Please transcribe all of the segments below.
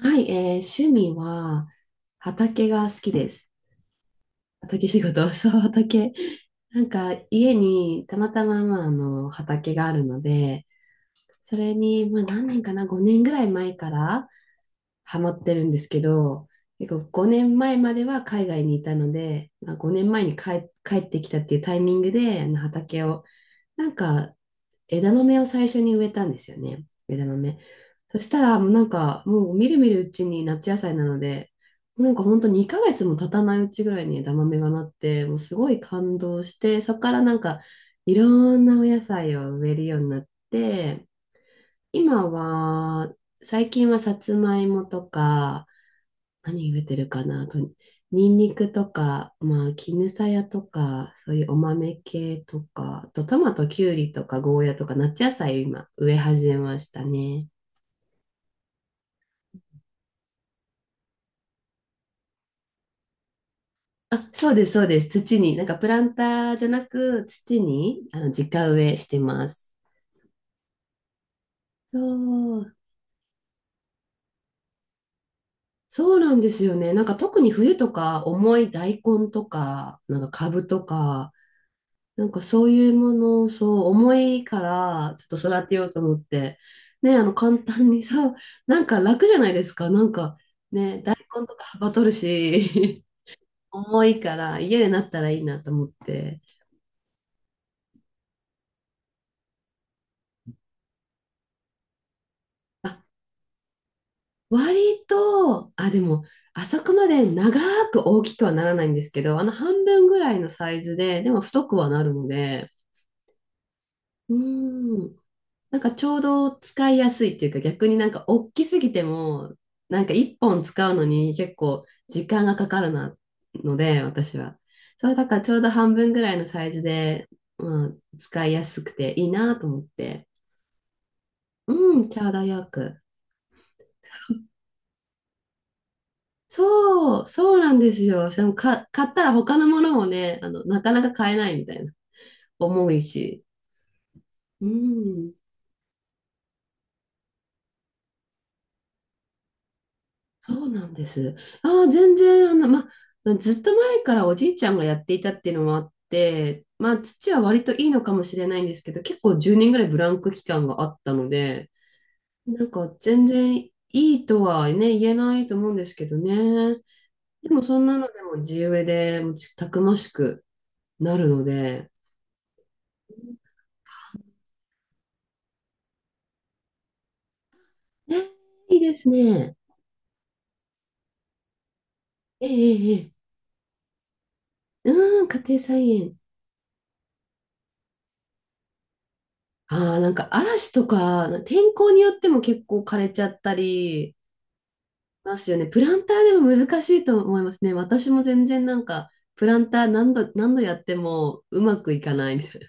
はい、趣味は畑が好きです。畑仕事、そう、畑。なんか家にたまたま、まあ、あの畑があるので、それに、まあ、何年かな、5年ぐらい前からハマってるんですけど、結構5年前までは海外にいたので、まあ、5年前に帰ってきたっていうタイミングであの畑をなんか枝豆を最初に植えたんですよね。枝豆。そしたら、もうなんか、もうみるみるうちに夏野菜なので、なんか本当2ヶ月も経たないうちぐらいに枝豆がなって、もうすごい感動して、そこからなんか、いろんなお野菜を植えるようになって、今は、最近はさつまいもとか、何植えてるかなあと、ニンニクとか、まあ、絹さやとか、そういうお豆系とか、あとトマト、キュウリとか、ゴーヤとか、夏野菜今、植え始めましたね。あ、そうです、そうです。土に、なんかプランターじゃなく、土に、あの、直植えしてます。そう、そうなんですよね。なんか特に冬とか、重い大根とか、なんか株とか、なんかそういうものをそう重いからちょっと育てようと思って、ね、あの簡単にさ、なんか楽じゃないですか。なんかね、大根とかはばとるし、重いから家でなったらいいなと思って。あ、割と、あ、でも、あそこまで長く大きくはならないんですけど、あの半分ぐらいのサイズで、でも太くはなるので、うーん、なんかちょうど使いやすいっていうか逆になんか大きすぎてもなんか1本使うのに結構時間がかかるなので私は。そうだからちょうど半分ぐらいのサイズで、まあ、使いやすくていいなと思って。うん、ちょうどよく。そう、そうなんですよ。しかもか、買ったら他のものもね、あの、なかなか買えないみたいな。重いし。うん。そうなんです。ああ、全然、あの、まずっと前からおじいちゃんがやっていたっていうのもあって、まあ、父は割といいのかもしれないんですけど、結構10年ぐらいブランク期間があったので、なんか全然いいとはね、言えないと思うんですけどね。でもそんなのでも地植えでもうちたくましくなるので、えいいですね。ええええ。ええうーん、家庭菜園。ああ、なんか嵐とか、天候によっても結構枯れちゃったり、ますよね。プランターでも難しいと思いますね。私も全然なんか、プランター何度やってもうまくいかないみたいな。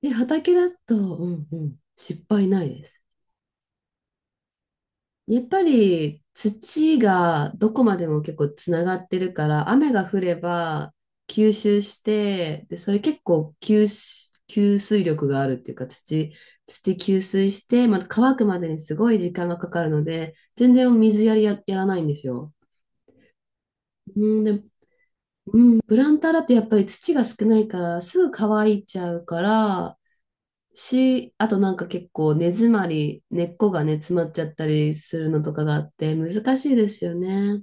で、畑だと、うんうん、失敗ないです。やっぱり土がどこまでも結構つながってるから、雨が降れば吸収して、で、それ結構吸水力があるっていうか、土、吸水して、また乾くまでにすごい時間がかかるので、全然水やりやらないんですよ。うん、で、プランターだとやっぱり土が少ないからすぐ乾いちゃうからし、あとなんか結構根詰まり、根っこがね、詰まっちゃったりするのとかがあって難しいですよね。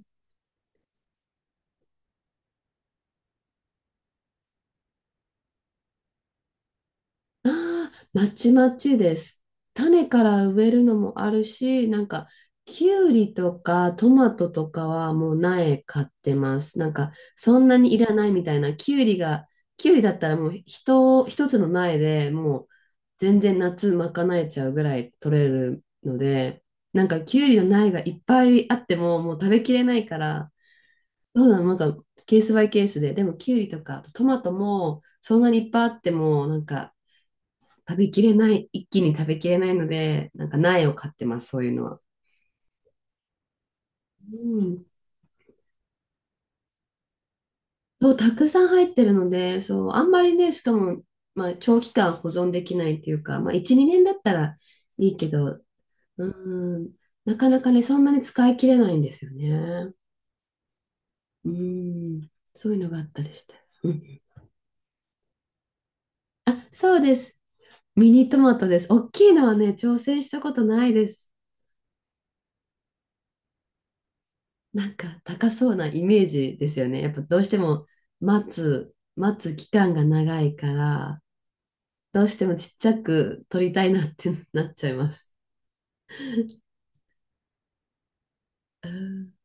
ああ、まちまちです。種から植えるのもあるし、なんか、きゅうりとかトマトとかはもう苗買ってます。なんか、そんなにいらないみたいな。きゅうりが、きゅうりだったらもう一つの苗でもう全然夏賄えちゃうぐらい取れるので、なんかきゅうりの苗がいっぱいあってももう食べきれないから、そうだなんかケースバイケースで、でもきゅうりとか、あとトマトもそんなにいっぱいあっても、なんか、食べきれない、一気に食べきれないので、なんか苗を買ってます、そういうのは。うん。そう、たくさん入ってるので、そう、あんまりね、しかも、まあ、長期間保存できないっていうか、まあ、1、2年だったらいいけど、うん、なかなかね、そんなに使い切れないんですよね。うん、そういうのがあったりして。うん、あ、そうです。ミニトマトです。大きいのはね、挑戦したことないです。なんか高そうなイメージですよね。やっぱどうしても待つ期間が長いから、どうしてもちっちゃく撮りたいなってなっちゃいます。うん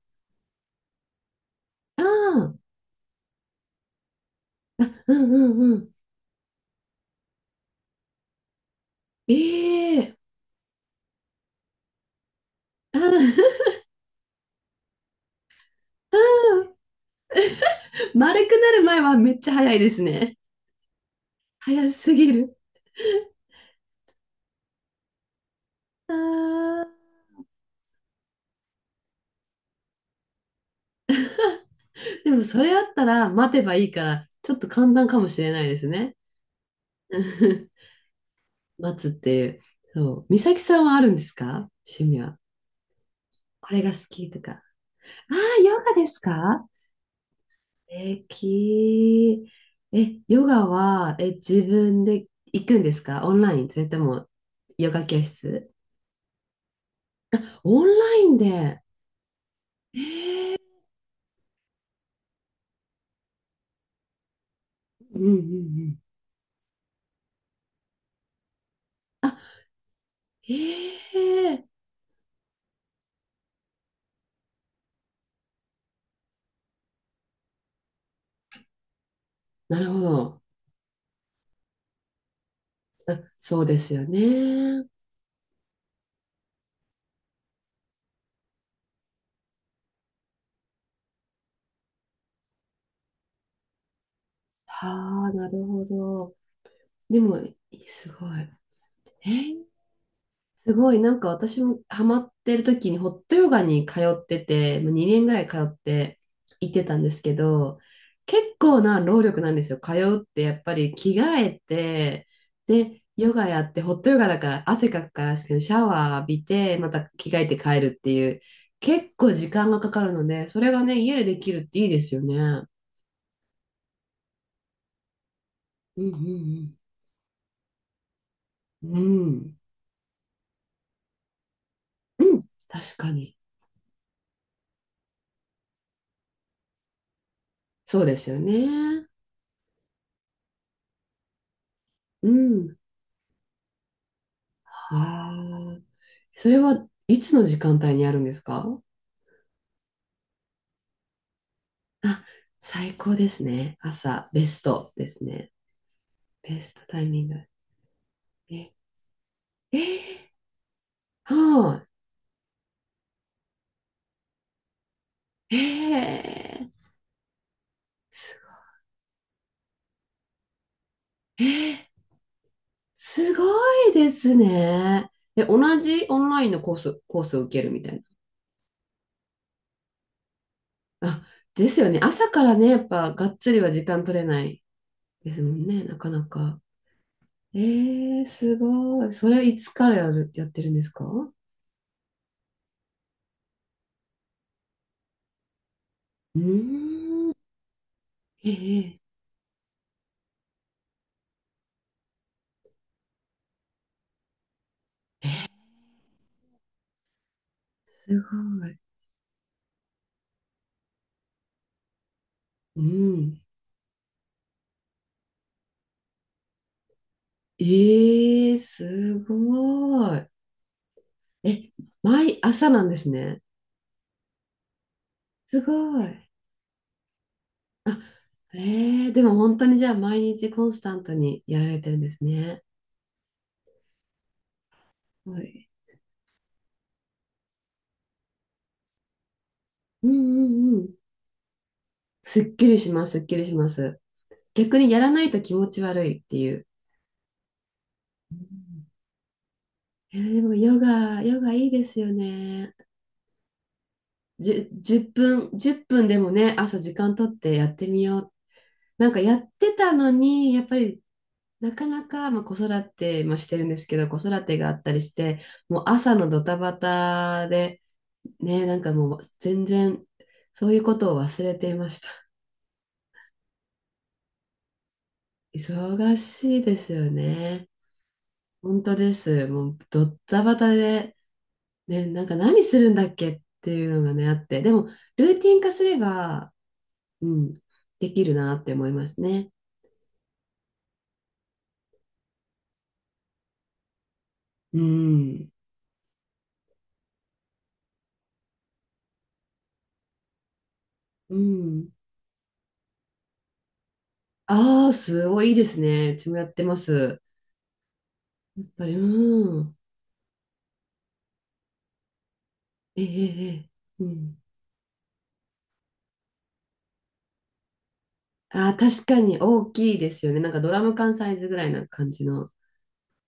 ああ、うんうんうん。ええあーあー、ああ丸くなる前はめっちゃ早いですね。早すぎる。あーでもそれあったら待てばいいから、ちょっと簡単かもしれないですね。うん待つっていう。そう。美咲さんはあるんですか？趣味は。これが好きとか。ああ、ヨガですか？素敵。え、ヨガは、え、自分で行くんですか？オンラインそれとも、ヨガ教室オンラインで。うんうんうん。あ、ええなるほど。あ、そうですよね。はあ、なるほど。でも、すごい。えーすごい、なんか私もハマってる時にホットヨガに通ってて、もう2年ぐらい通って行ってたんですけど、結構な労力なんですよ。通うってやっぱり着替えて、で、ヨガやって、ホットヨガだから汗かくからシャワー浴びて、また着替えて帰るっていう、結構時間がかかるので、それがね、家でできるっていいですよね。うんうんうん。うん、うん、確かに。そうですよね。うん。ああ。それはいつの時間帯にあるんですか？あ、最高ですね。朝、ベストですね。ベストタイミング。え、えはい。すごい、すごいですね。で、同じオンラインのコースを受けるみたいな。あ、ですよね。朝からね、やっぱ、がっつりは時間取れないですもんね、なかなか。すごい。それいつからやってるんですか？うーん。えー、えーすごい。うん。ええすごい。え、毎朝なんですね。すごい。ええでも本当にじゃあ毎日コンスタントにやられてるんですね。すごい。うんうんうん。すっきりします、すっきりします。逆にやらないと気持ち悪いっていう。うんでもヨガいいですよね。10分、1分でもね、朝時間取ってやってみよう。なんかやってたのに、やっぱりなかなか、まあ、子育てもしてるんですけど、子育てがあったりして、もう朝のドタバタで、ね、なんかもう全然そういうことを忘れていました。忙しいですよね。本当です。もうドタバタで、ね、なんか何するんだっけっていうのがね、あって、でもルーティン化すれば、うん、できるなって思いますね。うん。うん。ああ、すごいいいですね。うちもやってます。やっぱり、うん。ええええ、うん。あー、確かに大きいですよね。なんかドラム缶サイズぐらいな感じの、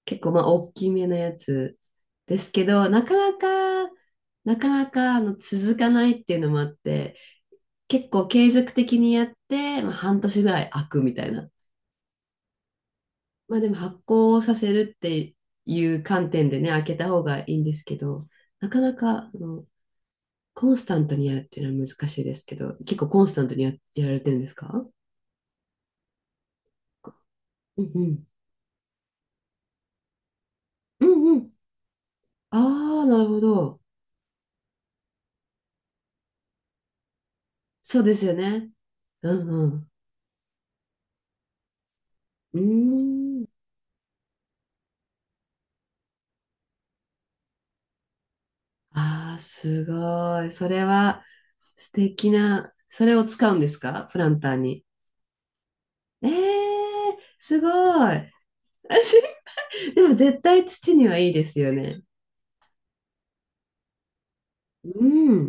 結構まあ大きめなやつですけど、なかなかあの続かないっていうのもあって、結構継続的にやって、まあ、半年ぐらい開くみたいな。まあでも発酵させるっていう観点でね、開けた方がいいんですけど、なかなかあのコンスタントにやるっていうのは難しいですけど、結構コンスタントにやられてるんですか？うんうん。うんうんああ、なるほど。そうですよね。うんうん。うーん。ああ、すごい。それは素敵な、それを使うんですか？プランターに。ええー、すごい。でも絶対土にはいいですよね。うん。